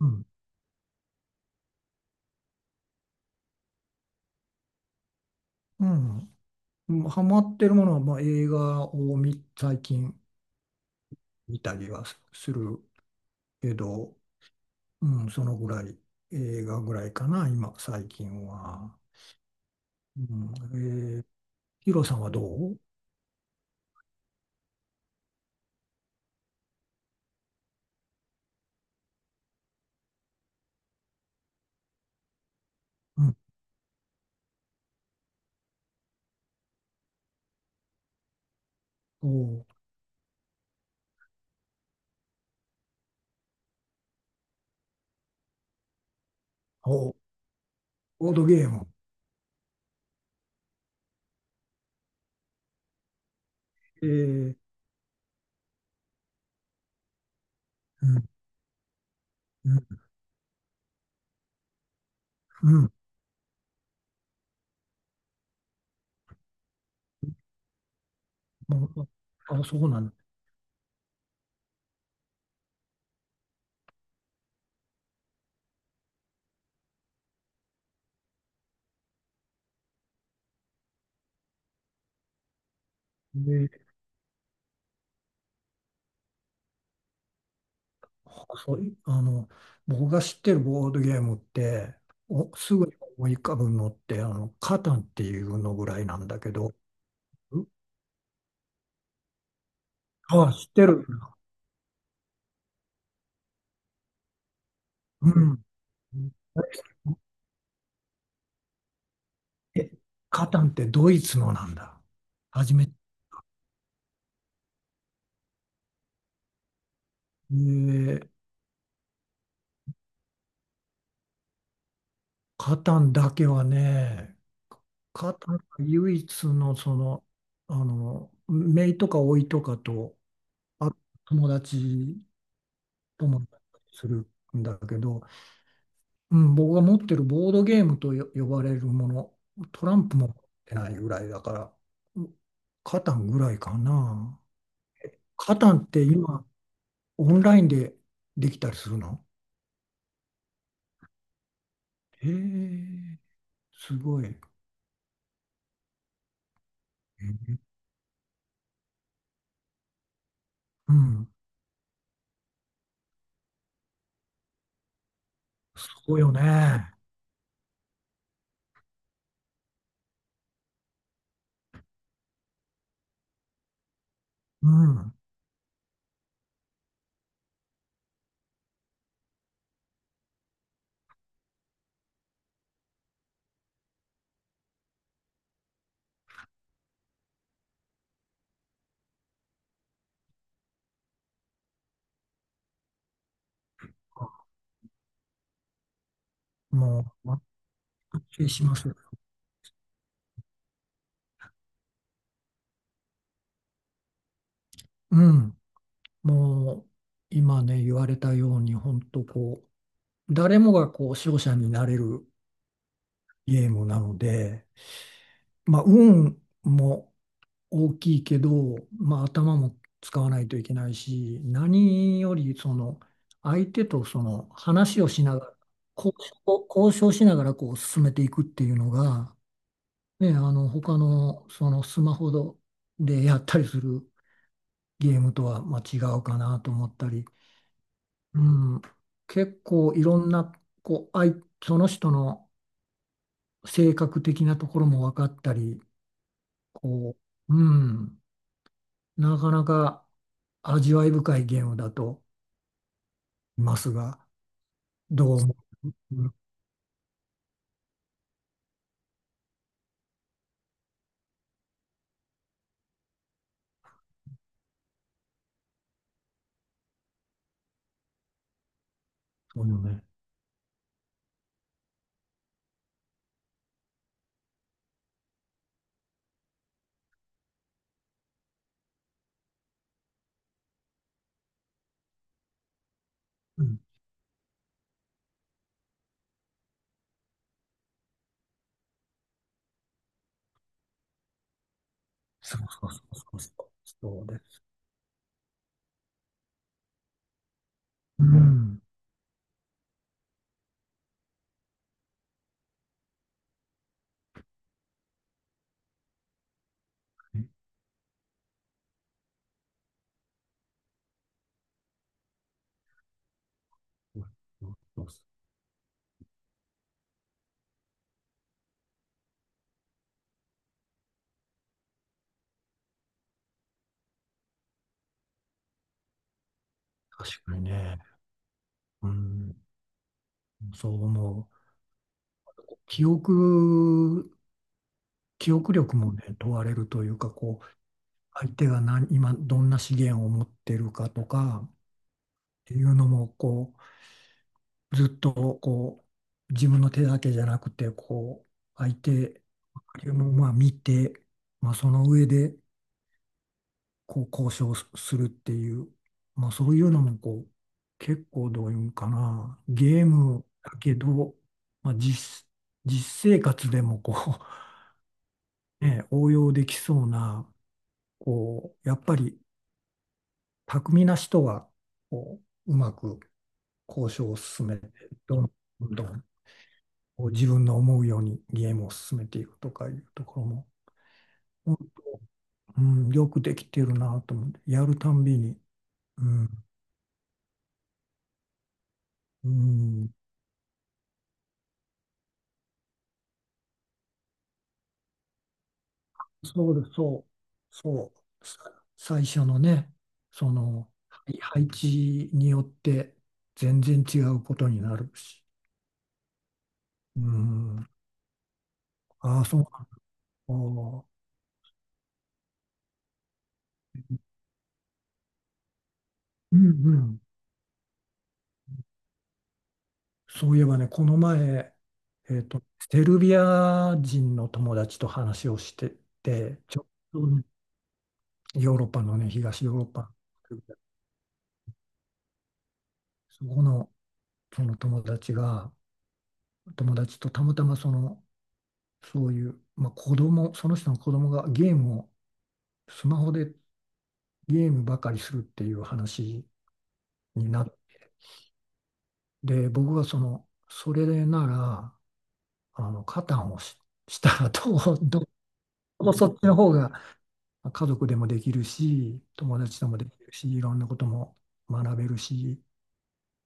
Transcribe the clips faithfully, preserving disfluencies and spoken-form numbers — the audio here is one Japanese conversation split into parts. うん、うんハマってるものは、まあ、映画を見最近見たりはするけど、うん、そのぐらい、映画ぐらいかな、今、最近は。うん、えー、ヒロさんはどううん、おうおう、ボードゲーム。えー、うん、うん、うん。もう、あ、あそうなんだ。で、あそうい、あの、僕が知ってるボードゲームって、お、すぐに思い浮かぶのって、あの、カタンっていうのぐらいなんだけど、ああ、知ってる。うん。え、カタンってドイツのなんだ。初めて。えーカタンだけはね、カタンが唯一のその、あの、姪とか甥とかと、あ、友達ともするんだけど、うん、僕が持ってるボードゲームとよ呼ばれるもの、トランプも持ってないぐらいだから、うん、カタンぐらいかな。カタンって今、オンラインでできたりするの？へえ、すごい。へえ、うん。そうよね。うん。もう、全くします。うん。もう、今ね、言われたように、本当こう、誰もがこう、勝者になれるゲームなので、まあ、運も大きいけど、まあ、頭も使わないといけないし、何よりその相手とその話をしながら、交渉、交渉しながらこう進めていくっていうのが、ね、あの他のそのスマホでやったりするゲームとはまあ違うかなと思ったり、うん、結構いろんなこう相その人の性格的なところも分かったり、こう、うん。なかなか味わい深いゲームだと思いますが、どう思う？うんそうよね。うん、そうそうそうそう。そうです。うん、確かにね。うん。そう思う。記憶、記憶力もね、問われるというか、こう、相手が何、今どんな資源を持ってるかとかっていうのも、こう、ずっとこう、自分の手だけじゃなくて、こう、相手もまあ見て、まあその上で、こう、交渉するっていう、まあそういうのもこう、結構どういうんかな、ゲームだけど、まあ実、実生活でもこう、ね、応用できそうな、こう、やっぱり巧みな人は、こう、うまく交渉を進めて、どんどんこう自分の思うようにゲームを進めていくとかいうところも、うん、うんよくできてるなと思って、やるたんびに、うん、うん、そうです、そう、そう、さ最初のね、その、はい配置によって全然違うことになるし、うん、ああ、そうあーうんうん、そういえばね、この前、えっと、セルビア人の友達と話をしてて、ちょうどヨーロッパのね、東ヨーロッパ、そこの、その友達が、友達とたまたまその、そういう、まあ、子供、その人の子供がゲームを、スマホでゲームばかりするっていう話になって、僕がその、それなら、あの、カタンをし、したらどう、どう、そっちの方が家族でもできるし、友達ともできるし、いろんなことも学べるし、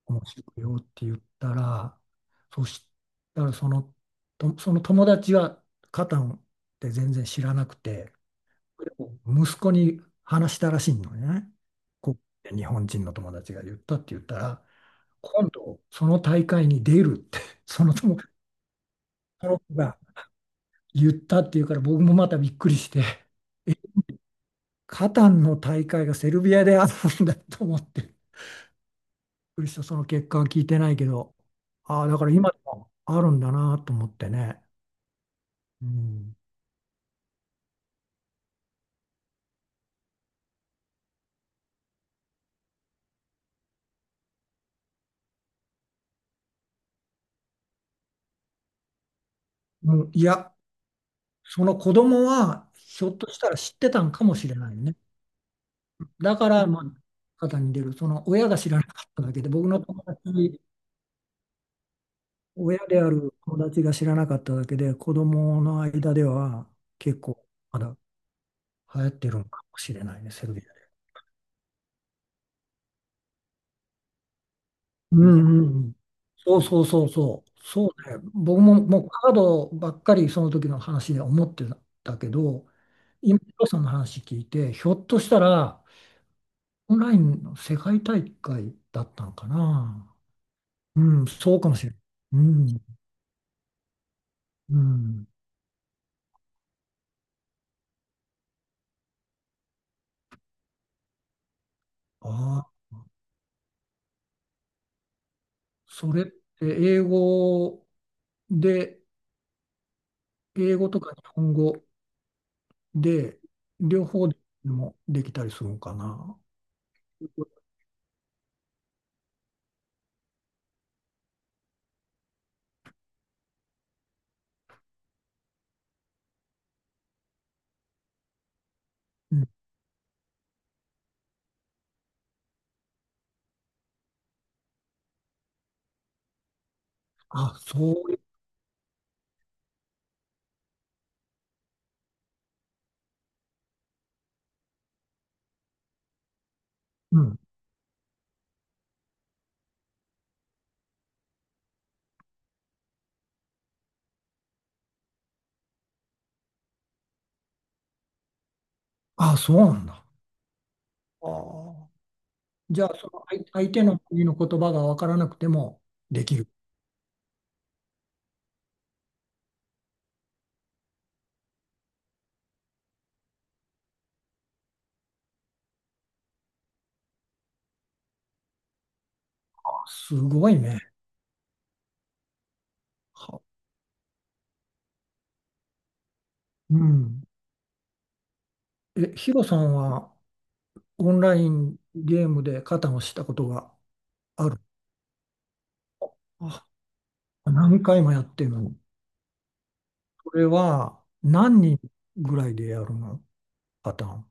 面白いよって言ったら、そしたらその、とその友達はカタンって全然知らなくて、息子に話したらしいのね。こう日本人の友達が言ったって言ったら、今度その大会に出るって、その友その子が言ったっていうから僕もまたびっくりして、え、カタンの大会がセルビアであるんだと思って、くりした、その結果は聞いてないけど、ああ、だから今でもあるんだなと思ってね。うん、うんいや、その子供はひょっとしたら知ってたんかもしれないね。だから、まあ、肩に出る、その親が知らなかっただけで、僕の友達、親である友達が知らなかっただけで、子供の間では結構まだ流行ってるのかもしれないね、セルビア。うんうんうん。そうそうそうそう。そうね。僕ももうカードばっかりその時の話で思ってたけど、今、ヒロさんの話聞いて、ひょっとしたら、オンラインの世界大会だったのかな。うん、そうかもしれない。うん、うん。ああ、それって英語で、英語とか日本語で、両方でもできたりするのかな。うん、あ、そういう、うん。あ、そうなんだ。ああ。じゃあ、その相相手の国の言葉が分からなくてもできる。あすごいね。はうん。え、ヒロさんはオンラインゲームで肩をしたことがある？あ、何回もやってるの？それは何人ぐらいでやるの？パターン。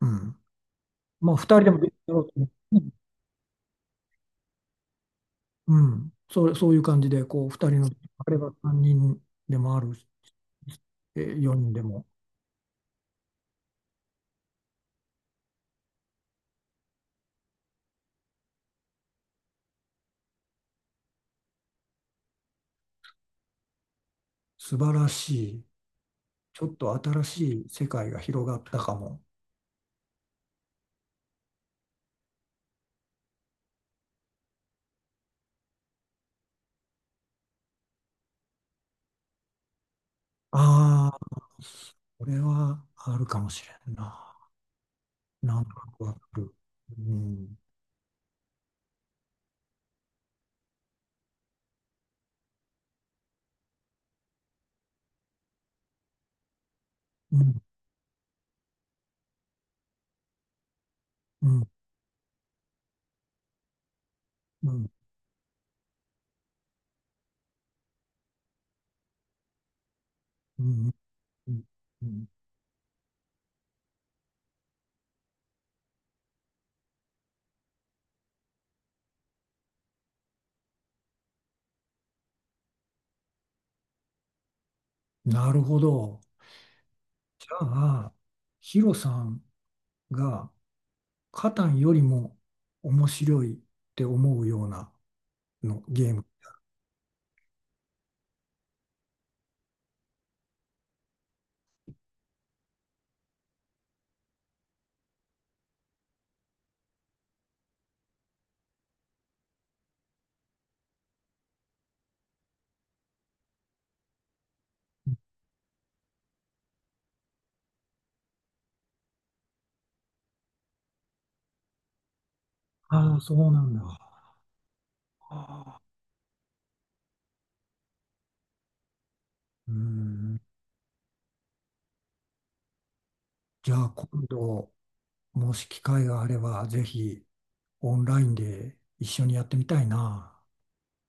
うん。まあ、ふたりでもできると思う。うん。それ、そういう感じで、こう、ふたりの、あればさんにんでもあるし、えよにんでも。素晴らしい。ちょっと新しい世界が広がったかも。ああ、これはあるかもしれんな。なんとなくわかる。うん、うん、うん、うん、うん、うん。うんなるほど。じゃあ、ヒロさんがカタンよりも面白いって思うようなのゲーム。ああ、そうなんだ。ああうん、じゃあ、今度、もし機会があれば、ぜひオンラインで一緒にやってみたいな。